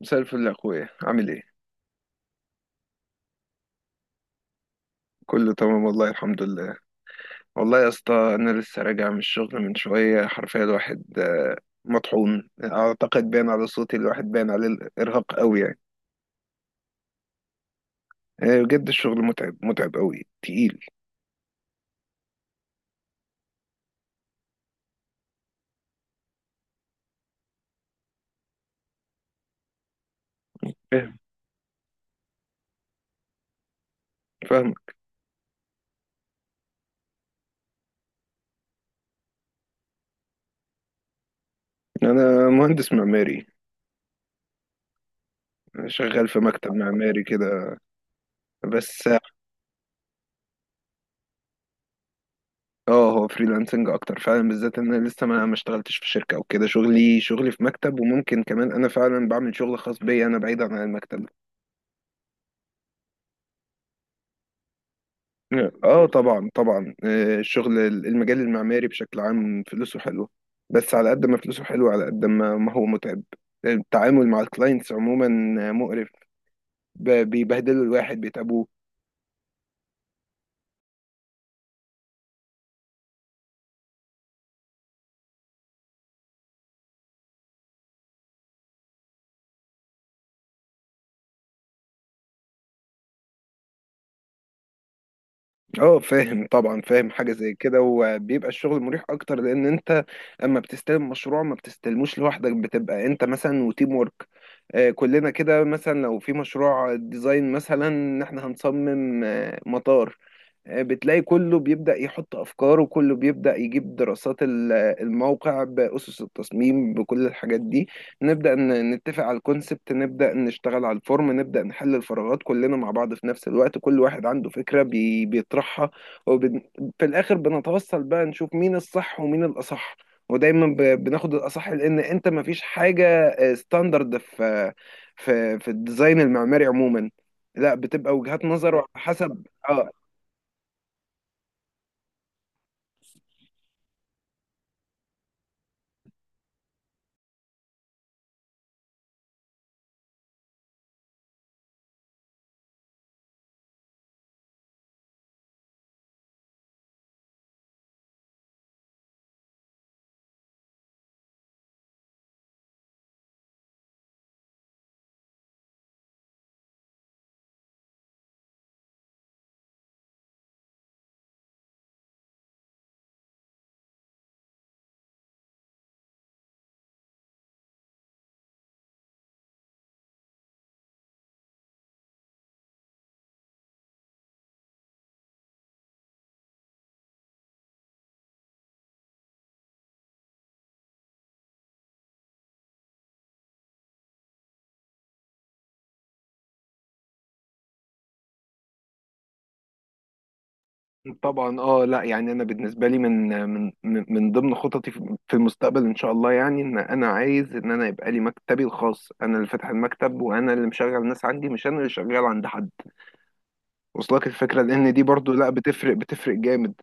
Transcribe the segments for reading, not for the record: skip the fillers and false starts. مساء الفل يا اخويا، عامل ايه؟ كله تمام والله، الحمد لله. والله يا اسطى، انا لسه راجع من الشغل من شويه، حرفيا الواحد مطحون. اعتقد باين على صوتي، الواحد باين عليه الارهاق قوي يعني. بجد الشغل متعب متعب قوي تقيل. فاهم، فاهم. انا مهندس معماري، شغال في مكتب معماري كده بس. اه، هو فريلانسنج اكتر فعلا، بالذات ان انا لسه ما اشتغلتش في شركه او كده، شغلي في مكتب، وممكن كمان انا فعلا بعمل شغل خاص بيا انا، بعيدا عن المكتب. اه طبعا، طبعا، الشغل المجال المعماري بشكل عام فلوسه حلوه. بس على قد ما فلوسه حلوه، على قد ما ما هو متعب. التعامل مع الكلاينتس عموما مقرف. بيبهدلوا الواحد، بيتعبوه. اه فاهم، طبعا فاهم حاجه زي كده. وبيبقى الشغل مريح اكتر، لان انت اما بتستلم مشروع ما بتستلموش لوحدك، بتبقى انت مثلا وتيم ورك. كلنا كده، مثلا لو في مشروع ديزاين مثلا ان احنا هنصمم مطار، بتلاقي كله بيبدأ يحط أفكاره، كله بيبدأ يجيب دراسات الموقع، بأسس التصميم، بكل الحاجات دي. نبدأ نتفق على الكونسبت، نبدأ نشتغل على الفورم، نبدأ نحل الفراغات كلنا مع بعض في نفس الوقت، كل واحد عنده فكرة بيطرحها. وفي الآخر بنتوصل بقى، نشوف مين الصح ومين الأصح. ودايما بناخد الأصح، لأن أنت مفيش حاجة ستاندرد في في الديزاين المعماري عموما. لا، بتبقى وجهات نظر وعلى حسب. اه طبعا. اه لا، يعني انا بالنسبه لي من ضمن خططي في المستقبل ان شاء الله، يعني ان انا عايز ان انا يبقى لي مكتبي الخاص، انا اللي فاتح المكتب وانا اللي مشغل ناس عندي، مش انا اللي شغال عند حد. وصلك الفكره؟ لان دي برضو، لا، بتفرق بتفرق جامد.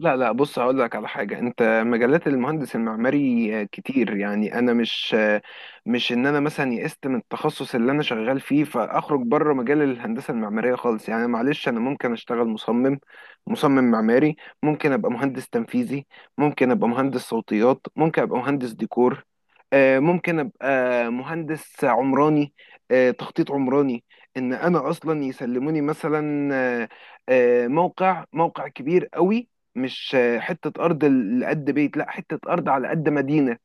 لا، لا، بص، هقول لك على حاجة. انت، مجالات المهندس المعماري كتير، يعني انا مش ان انا مثلا يئست من التخصص اللي انا شغال فيه فاخرج بره مجال الهندسة المعمارية خالص، يعني معلش، انا ممكن اشتغل مصمم معماري، ممكن ابقى مهندس تنفيذي، ممكن ابقى مهندس صوتيات، ممكن ابقى مهندس ديكور، ممكن ابقى مهندس عمراني، تخطيط عمراني. ان انا اصلا يسلموني مثلا موقع موقع كبير قوي، مش حتة أرض لقد بيت، لا، حتة أرض على قد مدينة،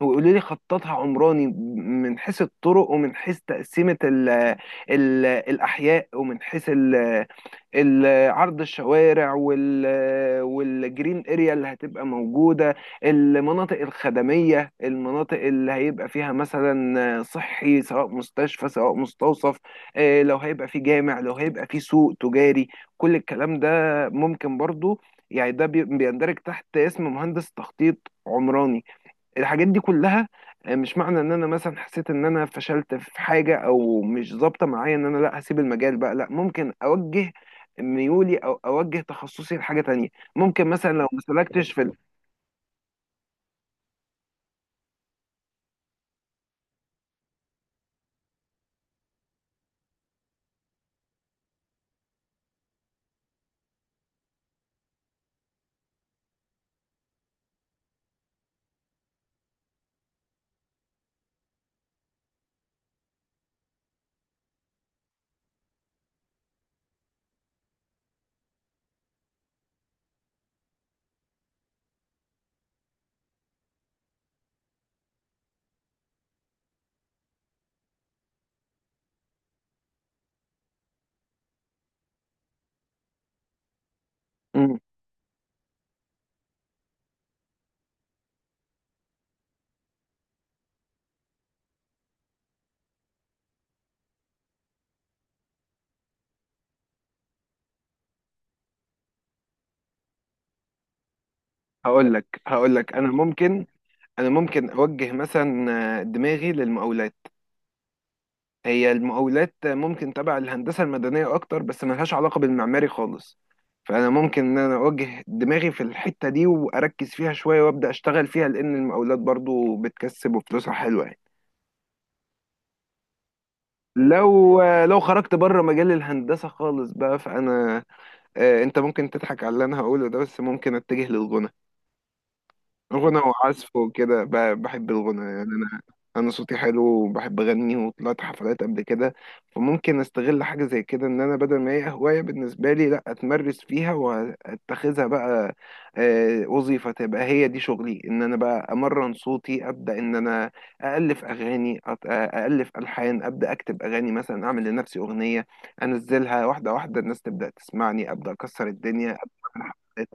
ويقولوا لي خططها عمراني، من حيث الطرق، ومن حيث تقسيمة ال ال الأحياء، ومن حيث عرض الشوارع والجرين اريا اللي هتبقى موجودة، المناطق الخدمية، المناطق اللي هيبقى فيها مثلا صحي، سواء مستشفى سواء مستوصف، لو هيبقى في جامع، لو هيبقى في سوق تجاري، كل الكلام ده ممكن برضو، يعني ده بيندرج تحت اسم مهندس تخطيط عمراني، الحاجات دي كلها. مش معنى ان انا مثلا حسيت ان انا فشلت في حاجة او مش ظابطة معايا، ان انا لا هسيب المجال بقى. لا، ممكن اوجه ميولي او اوجه تخصصي لحاجة تانية، ممكن مثلا لو ما سلكتش في مم. هقول لك انا ممكن انا ممكن اوجه مثلا دماغي للمقاولات. هي المقاولات ممكن تبع الهندسة المدنية أكتر، بس ملهاش علاقة بالمعماري خالص. فأنا ممكن إن أنا أوجه دماغي في الحتة دي وأركز فيها شوية وأبدأ أشتغل فيها، لأن المقاولات برضو بتكسب وفلوسها حلوة يعني. لو خرجت بره مجال الهندسة خالص بقى، فأنا أنت ممكن تضحك على اللي أنا هقوله ده، بس ممكن أتجه للغنى. غنى وعزف وكده، بحب الغنى يعني انا صوتي حلو وبحب اغني وطلعت حفلات قبل كده، فممكن استغل حاجه زي كده، ان انا بدل ما هي هوايه بالنسبه لي، لا اتمرس فيها واتخذها بقى وظيفه، تبقى هي دي شغلي. ان انا بقى امرن صوتي، ابدا ان انا الف اغاني، الف الحان، ابدا اكتب اغاني مثلا، اعمل لنفسي اغنيه، انزلها واحده واحده، الناس تبدا تسمعني، ابدا اكسر الدنيا، أبدأ أعمل.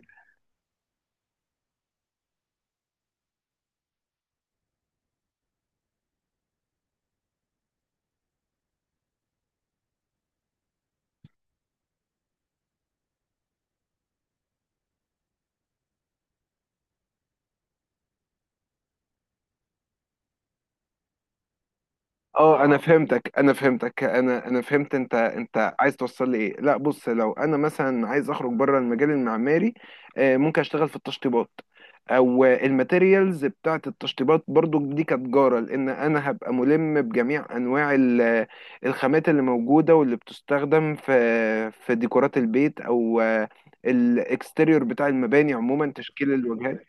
اه انا فهمتك، انا فهمت، انت عايز توصل لي ايه. لا، بص، لو انا مثلا عايز اخرج بره المجال المعماري، ممكن اشتغل في التشطيبات او الماتيريالز بتاعه التشطيبات، برضو دي كتجاره، لان انا هبقى ملم بجميع انواع الخامات اللي موجوده واللي بتستخدم في ديكورات البيت، او الاكستيريور بتاع المباني عموما، تشكيل الواجهات.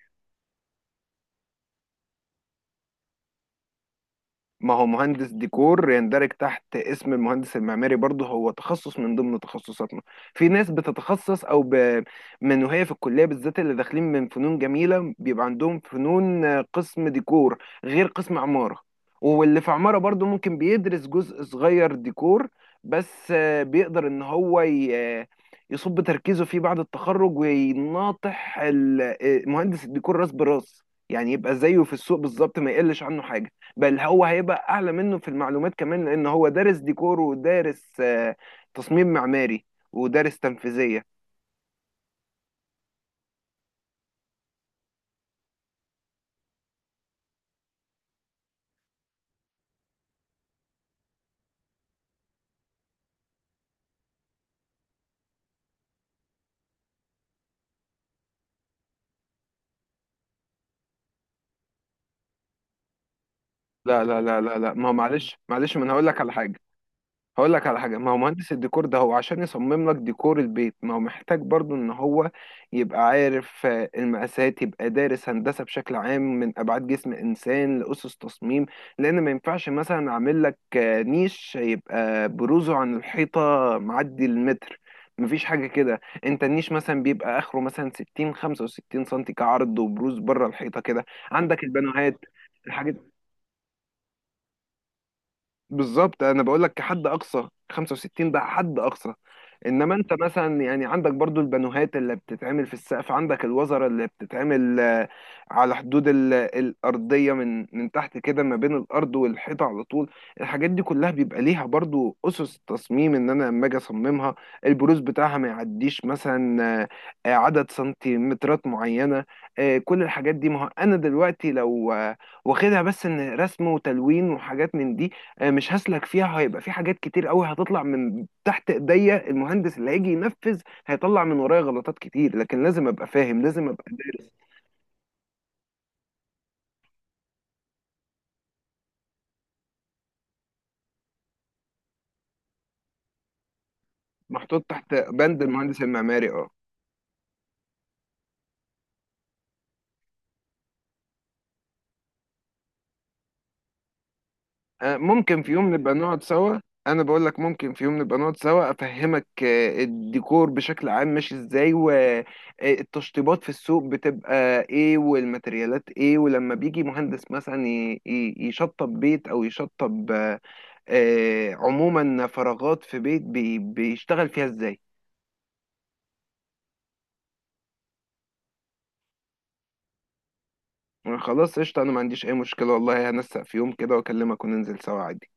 ما هو مهندس ديكور يندرج تحت اسم المهندس المعماري برضه، هو تخصص من ضمن تخصصاتنا. في ناس بتتخصص او من وهي في الكليه، بالذات اللي داخلين من فنون جميله، بيبقى عندهم فنون قسم ديكور غير قسم عماره. واللي في عماره برضه ممكن بيدرس جزء صغير ديكور، بس بيقدر ان هو ي... آه، يصب تركيزه فيه بعد التخرج، ويناطح مهندس الديكور راس براس، يعني يبقى زيه في السوق بالظبط، ما يقلش عنه حاجه، بل هو هيبقى اعلى منه في المعلومات كمان، لان هو دارس ديكور ودارس تصميم معماري، ودارس تنفيذيه. لا، لا، لا، لا، لا، ما هو معلش، معلش، ما انا هقول لك على حاجة. ما هو مهندس الديكور ده، هو عشان يصمم لك ديكور البيت، ما هو محتاج برضو ان هو يبقى عارف المقاسات، يبقى دارس هندسة بشكل عام، من ابعاد جسم انسان لأسس تصميم، لان ما ينفعش مثلا اعمل لك نيش يبقى بروزه عن الحيطة معدي المتر. مفيش حاجة كده. انت النيش مثلا بيبقى اخره مثلا 60 65 سنتي كعرض، وبروز بره الحيطة كده. عندك البانوهات، الحاجات. بالظبط، انا بقول لك كحد اقصى 65، ده حد اقصى. انما انت مثلا يعني عندك برضو البانوهات اللي بتتعمل في السقف، عندك الوزره اللي بتتعمل على حدود الارضيه، من تحت كده، ما بين الارض والحيطه على طول. الحاجات دي كلها بيبقى ليها برضو اسس تصميم، ان انا لما اجي اصممها، البروز بتاعها ما يعديش مثلا عدد سنتيمترات معينه. كل الحاجات دي، ما هو انا دلوقتي لو واخدها بس ان رسم وتلوين وحاجات من دي، مش هسلك فيها، هيبقى في حاجات كتير قوي هتطلع من تحت ايديا، المهندس اللي هيجي ينفذ هيطلع من ورايا غلطات كتير، لكن لازم ابقى فاهم، لازم ابقى دارس. محطوط تحت بند المهندس المعماري، اه. ممكن في يوم نبقى نقعد سوا. انا بقول لك ممكن في يوم نبقى نقعد سوا، افهمك الديكور بشكل عام ماشي ازاي، والتشطيبات في السوق بتبقى ايه، والماتريالات ايه، ولما بيجي مهندس مثلا يشطب بيت، او يشطب عموما فراغات في بيت بيشتغل فيها ازاي. خلاص، قشطة، انا ما عنديش اي مشكلة والله، هنسق في يوم كده واكلمك وننزل سوا عادي.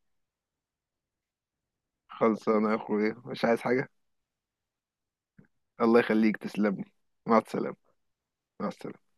خلصانة يا اخويا، مش عايز حاجة. الله يخليك، تسلمني. مع السلامة. مع السلامة.